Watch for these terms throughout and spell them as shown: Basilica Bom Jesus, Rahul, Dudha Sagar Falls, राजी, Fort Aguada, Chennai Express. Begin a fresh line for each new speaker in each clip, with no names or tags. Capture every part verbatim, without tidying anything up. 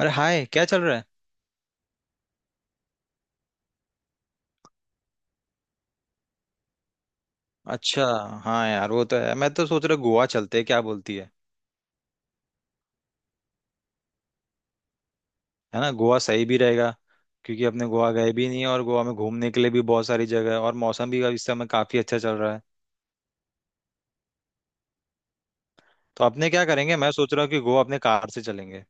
अरे हाय, क्या चल रहा है। अच्छा। हाँ यार वो तो है, मैं तो सोच रहा गोवा चलते हैं, क्या बोलती है। है ना, गोवा सही भी रहेगा। क्योंकि अपने गोवा गए भी नहीं है और गोवा में घूमने के लिए भी बहुत सारी जगह है, और मौसम भी इस समय काफी अच्छा चल रहा है। तो अपने क्या करेंगे, मैं सोच रहा हूँ कि गोवा अपने कार से चलेंगे।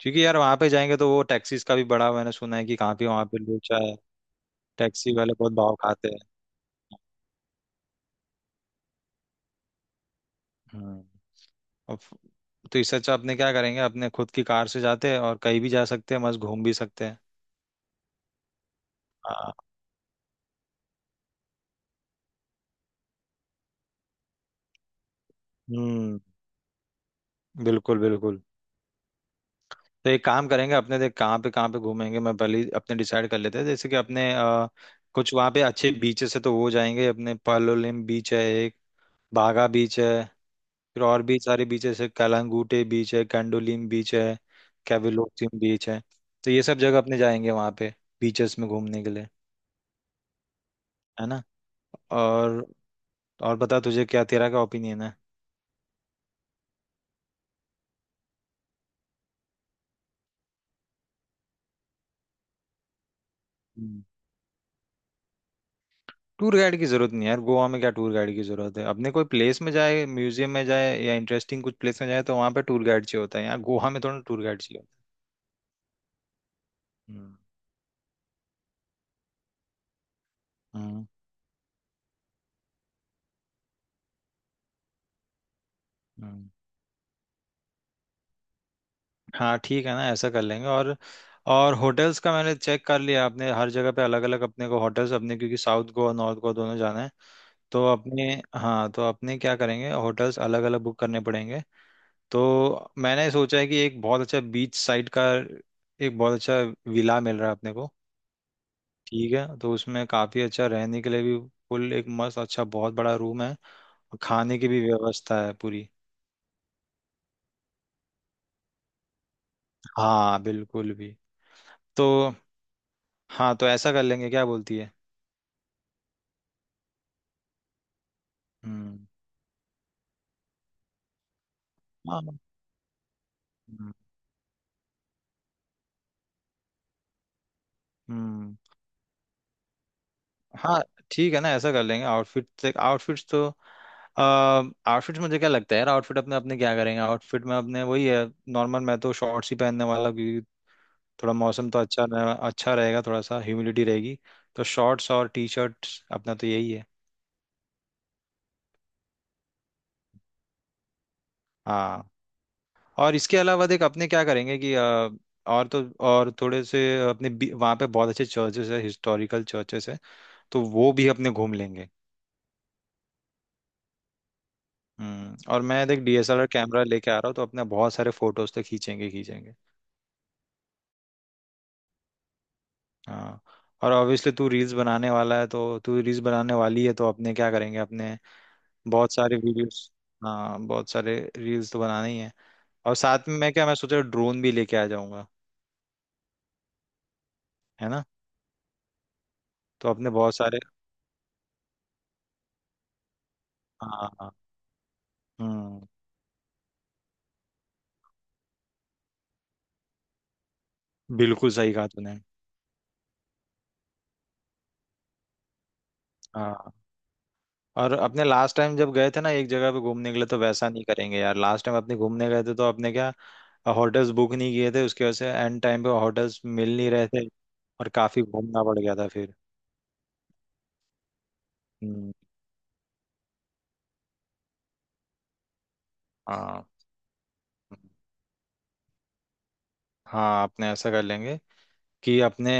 क्योंकि यार वहां पे जाएंगे तो वो टैक्सीज का भी बड़ा मैंने सुना है कि काफी वहां पे लोचा है। टैक्सी वाले बहुत भाव खाते हैं। हम्म। और फ- तो इससे अच्छा अपने क्या करेंगे, अपने खुद की कार से जाते हैं और कहीं भी जा सकते हैं, मस्त घूम भी सकते हैं। हाँ। हम्म। बिल्कुल बिल्कुल। तो एक काम करेंगे, अपने देख कहाँ पे कहाँ पे घूमेंगे, मैं पहले ही अपने डिसाइड कर लेते हैं, जैसे कि अपने अ, कुछ वहाँ पे अच्छे बीचेस है तो वो जाएंगे। अपने पालोलिम बीच है एक, बागा बीच है। फिर और भी सारे बीचेस है, कलांगूटे बीच है, कैंडोलिम बीच है, कैविलोसिम बीच है। तो ये सब जगह अपने जाएंगे वहाँ पे, बीचेस में घूमने के लिए। है ना। और और बता, तुझे क्या, तेरा क्या ओपिनियन है। टूर गाइड की जरूरत नहीं है यार, गोवा में क्या टूर गाइड की जरूरत है, अपने कोई प्लेस में जाए, म्यूजियम में जाए या इंटरेस्टिंग कुछ प्लेस में जाए तो वहां पे टूर गाइड चाहिए होता है, यहाँ गोवा में थोड़ा टूर गाइड चाहिए। हम्म। होता है। हम्म हम्म। हम्म। हाँ ठीक है ना, ऐसा कर लेंगे। और और होटल्स का मैंने चेक कर लिया, अपने हर जगह पे अलग अलग अपने को होटल्स अपने, क्योंकि साउथ गोवा नॉर्थ गोवा दोनों जाना है। तो अपने, हाँ, तो अपने क्या करेंगे, होटल्स अलग अलग बुक करने पड़ेंगे। तो मैंने सोचा है कि एक बहुत अच्छा बीच साइड का, एक बहुत अच्छा विला मिल रहा है अपने को। ठीक है, तो उसमें काफ़ी अच्छा रहने के लिए भी, फुल एक मस्त अच्छा बहुत बड़ा रूम है, और खाने की भी व्यवस्था है पूरी। हाँ, बिल्कुल भी। तो, हाँ तो ऐसा कर लेंगे, क्या बोलती है। हम्म। हाँ। हम्म। हम्म, हाँ ठीक है ना, ऐसा कर लेंगे, आउटफिट आउटफिट्स तो, आउटफिट्स मुझे क्या लगता है यार, आउटफिट अपने अपने क्या करेंगे, आउटफिट में अपने वही है। नॉर्मल मैं तो शॉर्ट्स ही पहनने वाला हूं, क्योंकि थोड़ा मौसम तो अच्छा रहे- अच्छा रहेगा, थोड़ा सा ह्यूमिडिटी रहेगी। तो शॉर्ट्स और टी शर्ट्स अपना तो यही है। हाँ। और इसके अलावा देख अपने क्या करेंगे, कि अ, और तो, और थोड़े से अपने बी- वहाँ पे बहुत अच्छे चर्चेस है, हिस्टोरिकल चर्चेस है, तो वो भी अपने घूम लेंगे। हम्म। और मैं देख D S L R camera लेके आ रहा हूँ, तो अपने बहुत सारे फोटोज तो खींचेंगे खींचेंगे। हाँ और ऑब्वियसली तू रील्स बनाने वाला है, तो तू रील्स बनाने वाली है, तो अपने क्या करेंगे, अपने बहुत सारे वीडियोस। हाँ बहुत सारे रील्स तो बनाने ही हैं। और साथ में मैं क्या, मैं सोच रहा ड्रोन भी लेके आ जाऊंगा। है ना। तो अपने बहुत सारे, हाँ हाँ। हम्म। बिल्कुल सही कहा तूने। हाँ। और अपने लास्ट टाइम जब गए थे ना, एक जगह पे घूमने के लिए, तो वैसा नहीं करेंगे यार, लास्ट टाइम अपने घूमने गए थे तो अपने क्या, होटल्स बुक नहीं किए थे, उसकी वजह से एंड टाइम पे होटल्स मिल नहीं रहे थे। और काफी घूमना पड़ गया था फिर। हम्म, हाँ हाँ। अपने ऐसा कर लेंगे कि अपने,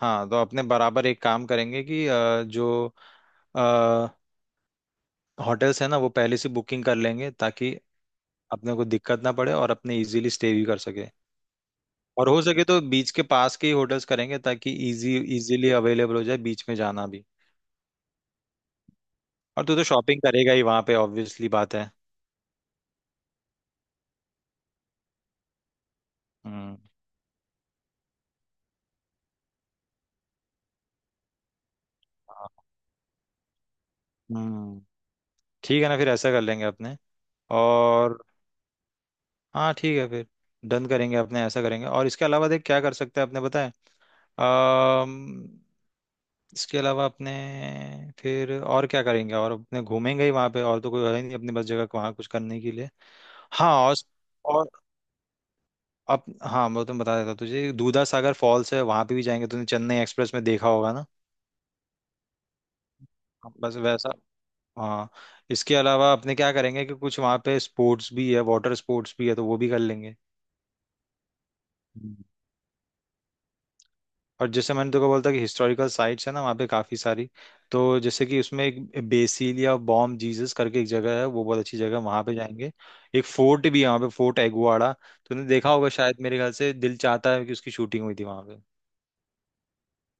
हाँ तो अपने बराबर एक काम करेंगे, कि अ, जो होटल्स है ना वो पहले से बुकिंग कर लेंगे, ताकि अपने को दिक्कत ना पड़े और अपने इजीली स्टे भी कर सके। और हो सके तो बीच के पास के ही होटल्स करेंगे, ताकि इजी इजीली अवेलेबल हो जाए, बीच में जाना भी। और तू तो शॉपिंग करेगा ही वहां पे, ऑब्वियसली बात है। हम्म। हाँ, हम्म। ठीक है ना, फिर ऐसा कर लेंगे अपने। और हाँ ठीक है फिर, डन करेंगे, अपने ऐसा करेंगे, और इसके अलावा देख क्या कर सकते हैं अपने, बताएं। अम्म इसके अलावा अपने, फिर और क्या करेंगे, और अपने घूमेंगे ही वहां पे, और तो कोई है ही नहीं अपने पास, जगह वहां कुछ करने के लिए। हाँ। और अब हाँ, मैं तुम्हें बता देता हूँ, तुझे दूधा सागर फॉल्स है, वहां पे भी जाएंगे, तूने चेन्नई एक्सप्रेस में देखा होगा ना। हाँ, बस वैसा। हाँ। इसके अलावा अपने क्या करेंगे, कि कुछ वहाँ पे स्पोर्ट्स भी है, वाटर स्पोर्ट्स भी है, तो वो भी कर लेंगे। हम्म। और जैसे मैंने तुमको बोला था कि हिस्टोरिकल साइट्स है ना, वहाँ पे काफ़ी सारी। तो जैसे कि उसमें एक बेसिलिया बॉम जीसस करके एक जगह है, वो बहुत अच्छी जगह है, वहाँ पे जाएंगे। एक फोर्ट भी है वहाँ पे, फोर्ट एगुआड़ा। तूने देखा होगा शायद, मेरे ख्याल से दिल चाहता है कि उसकी शूटिंग हुई थी वहाँ पे।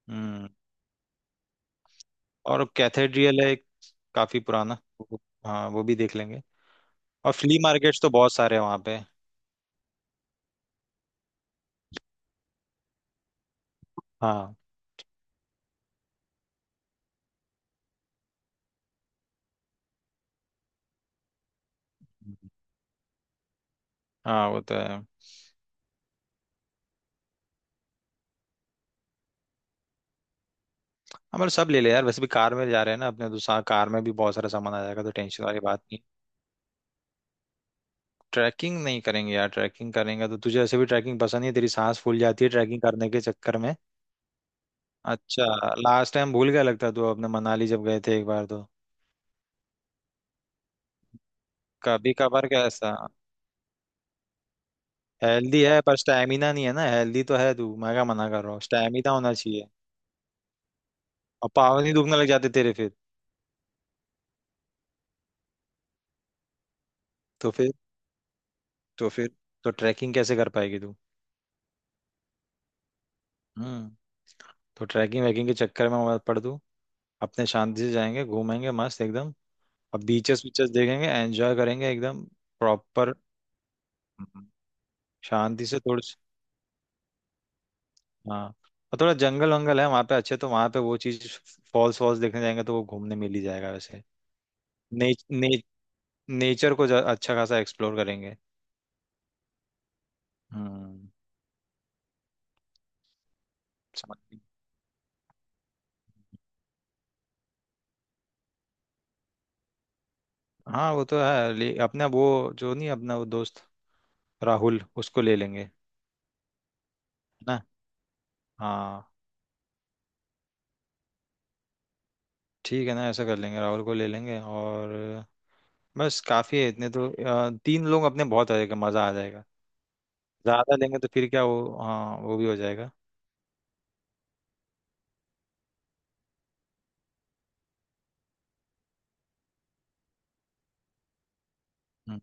हम्म। और कैथेड्रियल है, काफी पुराना। वो- हाँ वो भी देख लेंगे। और फ्ली मार्केट्स तो बहुत सारे हैं वहाँ पे। हाँ हाँ वो तो है। हमारे सब ले ले यार, वैसे भी कार में जा रहे हैं ना अपने तो, सा- कार में भी बहुत सारा सामान आ जाएगा, तो टेंशन वाली बात नहीं। ट्रैकिंग नहीं करेंगे यार, ट्रैकिंग करेंगे तो, तुझे ऐसे भी ट्रैकिंग पसंद नहीं है, तेरी सांस फूल जाती है ट्रैकिंग करने के चक्कर में। अच्छा। लास्ट टाइम भूल गया लगता है तू, अपने मनाली जब गए थे एक बार तो। कभी कभार कैसा। हेल्दी है पर स्टैमिना नहीं है ना, हेल्दी तो है तू, मैं क्या मना कर रहा हूँ, स्टैमिना होना चाहिए। और पाँव नहीं दुखने लग जाते तेरे फिर। तो फिर तो फिर तो ट्रैकिंग कैसे कर पाएगी तू। हम्म। तो ट्रैकिंग वैकिंग के चक्कर में मत पड़ तू, अपने शांति से जाएंगे, घूमेंगे मस्त एकदम। अब बीचेस बीचेस देखेंगे, एंजॉय करेंगे एकदम प्रॉपर, शांति से थोड़ी। हाँ। और थोड़ा जंगल वंगल है वहाँ पे अच्छे, तो वहाँ पे वो चीज, फॉल्स वॉल्स देखने जाएंगे तो वो घूमने मिल ही जाएगा वैसे। ने, ने, नेचर को जा- अच्छा खासा एक्सप्लोर करेंगे। हम्म। समझ गई। हाँ वो तो है, ले, अपना वो जो नहीं, अपना वो दोस्त राहुल उसको ले लेंगे, है ना। हाँ। ठीक है ना, ऐसा कर लेंगे, राहुल को ले लेंगे। और बस काफ़ी है इतने तो, अ, तीन लोग अपने बहुत, आ जाएगा, मज़ा आ जाएगा। ज़्यादा लेंगे तो फिर क्या, वो हाँ वो भी हो जाएगा। हम्म।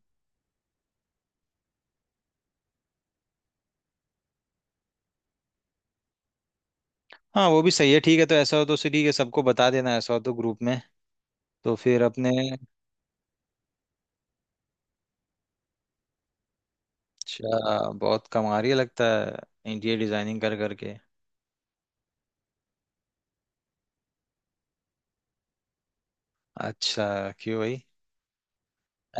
हाँ वो भी सही है, ठीक है तो ऐसा हो तो ठीक है, सबको बता देना, ऐसा हो तो ग्रुप में। तो फिर अपने। अच्छा, बहुत कमा रही है लगता है इंटीरियर डिजाइनिंग कर करके। अच्छा। क्यों भाई।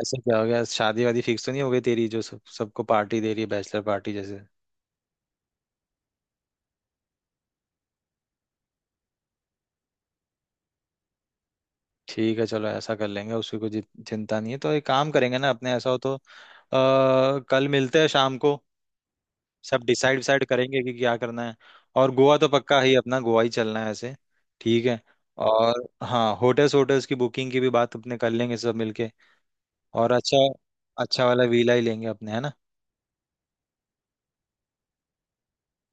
ऐसा क्या हो गया, शादी वादी फिक्स तो नहीं हो गई तेरी, जो सब सबको पार्टी दे रही है, बैचलर पार्टी जैसे। ठीक है, चलो ऐसा कर लेंगे, उसकी कोई चिं- चिंता नहीं है, तो एक काम करेंगे ना अपने, ऐसा हो तो आ, कल मिलते हैं शाम को। सब डिसाइड डिसाइड करेंगे कि क्या करना है। और गोवा तो पक्का ही, अपना गोवा ही चलना है ऐसे, ठीक है। और हाँ, होटल्स होटल्स की बुकिंग की भी बात अपने कर लेंगे सब मिलके। और अच्छा, अच्छा वाला वीला ही लेंगे अपने, है ना।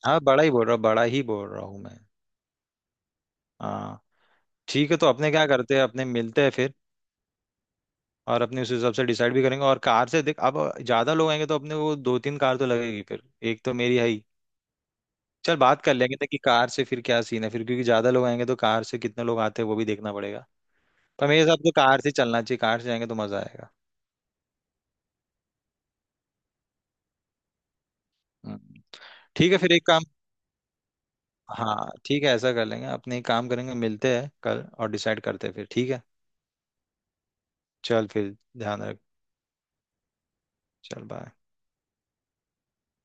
हाँ बड़ा ही बोल रहा हूँ, बड़ा ही बोल रहा हूँ मैं। हाँ ठीक है, तो अपने क्या करते हैं, अपने मिलते हैं फिर। और अपने उस हिसाब से डिसाइड भी करेंगे, और कार से देख, अब ज्यादा लोग आएंगे तो अपने को दो तीन कार तो लगेगी फिर, एक तो मेरी है ही। चल, बात कर लेंगे कि कार से फिर क्या सीन है फिर, क्योंकि ज्यादा लोग आएंगे तो कार से कितने लोग आते हैं वो भी देखना पड़ेगा। पर मेरे हिसाब से तो कार से चलना चाहिए, कार से जाएंगे तो मजा आएगा। हम्म। ठीक है फिर, एक काम। हाँ ठीक है, ऐसा कर लेंगे अपने, एक काम करेंगे, मिलते हैं कल और डिसाइड करते हैं फिर, ठीक है। चल फिर, ध्यान रख। चल बाय।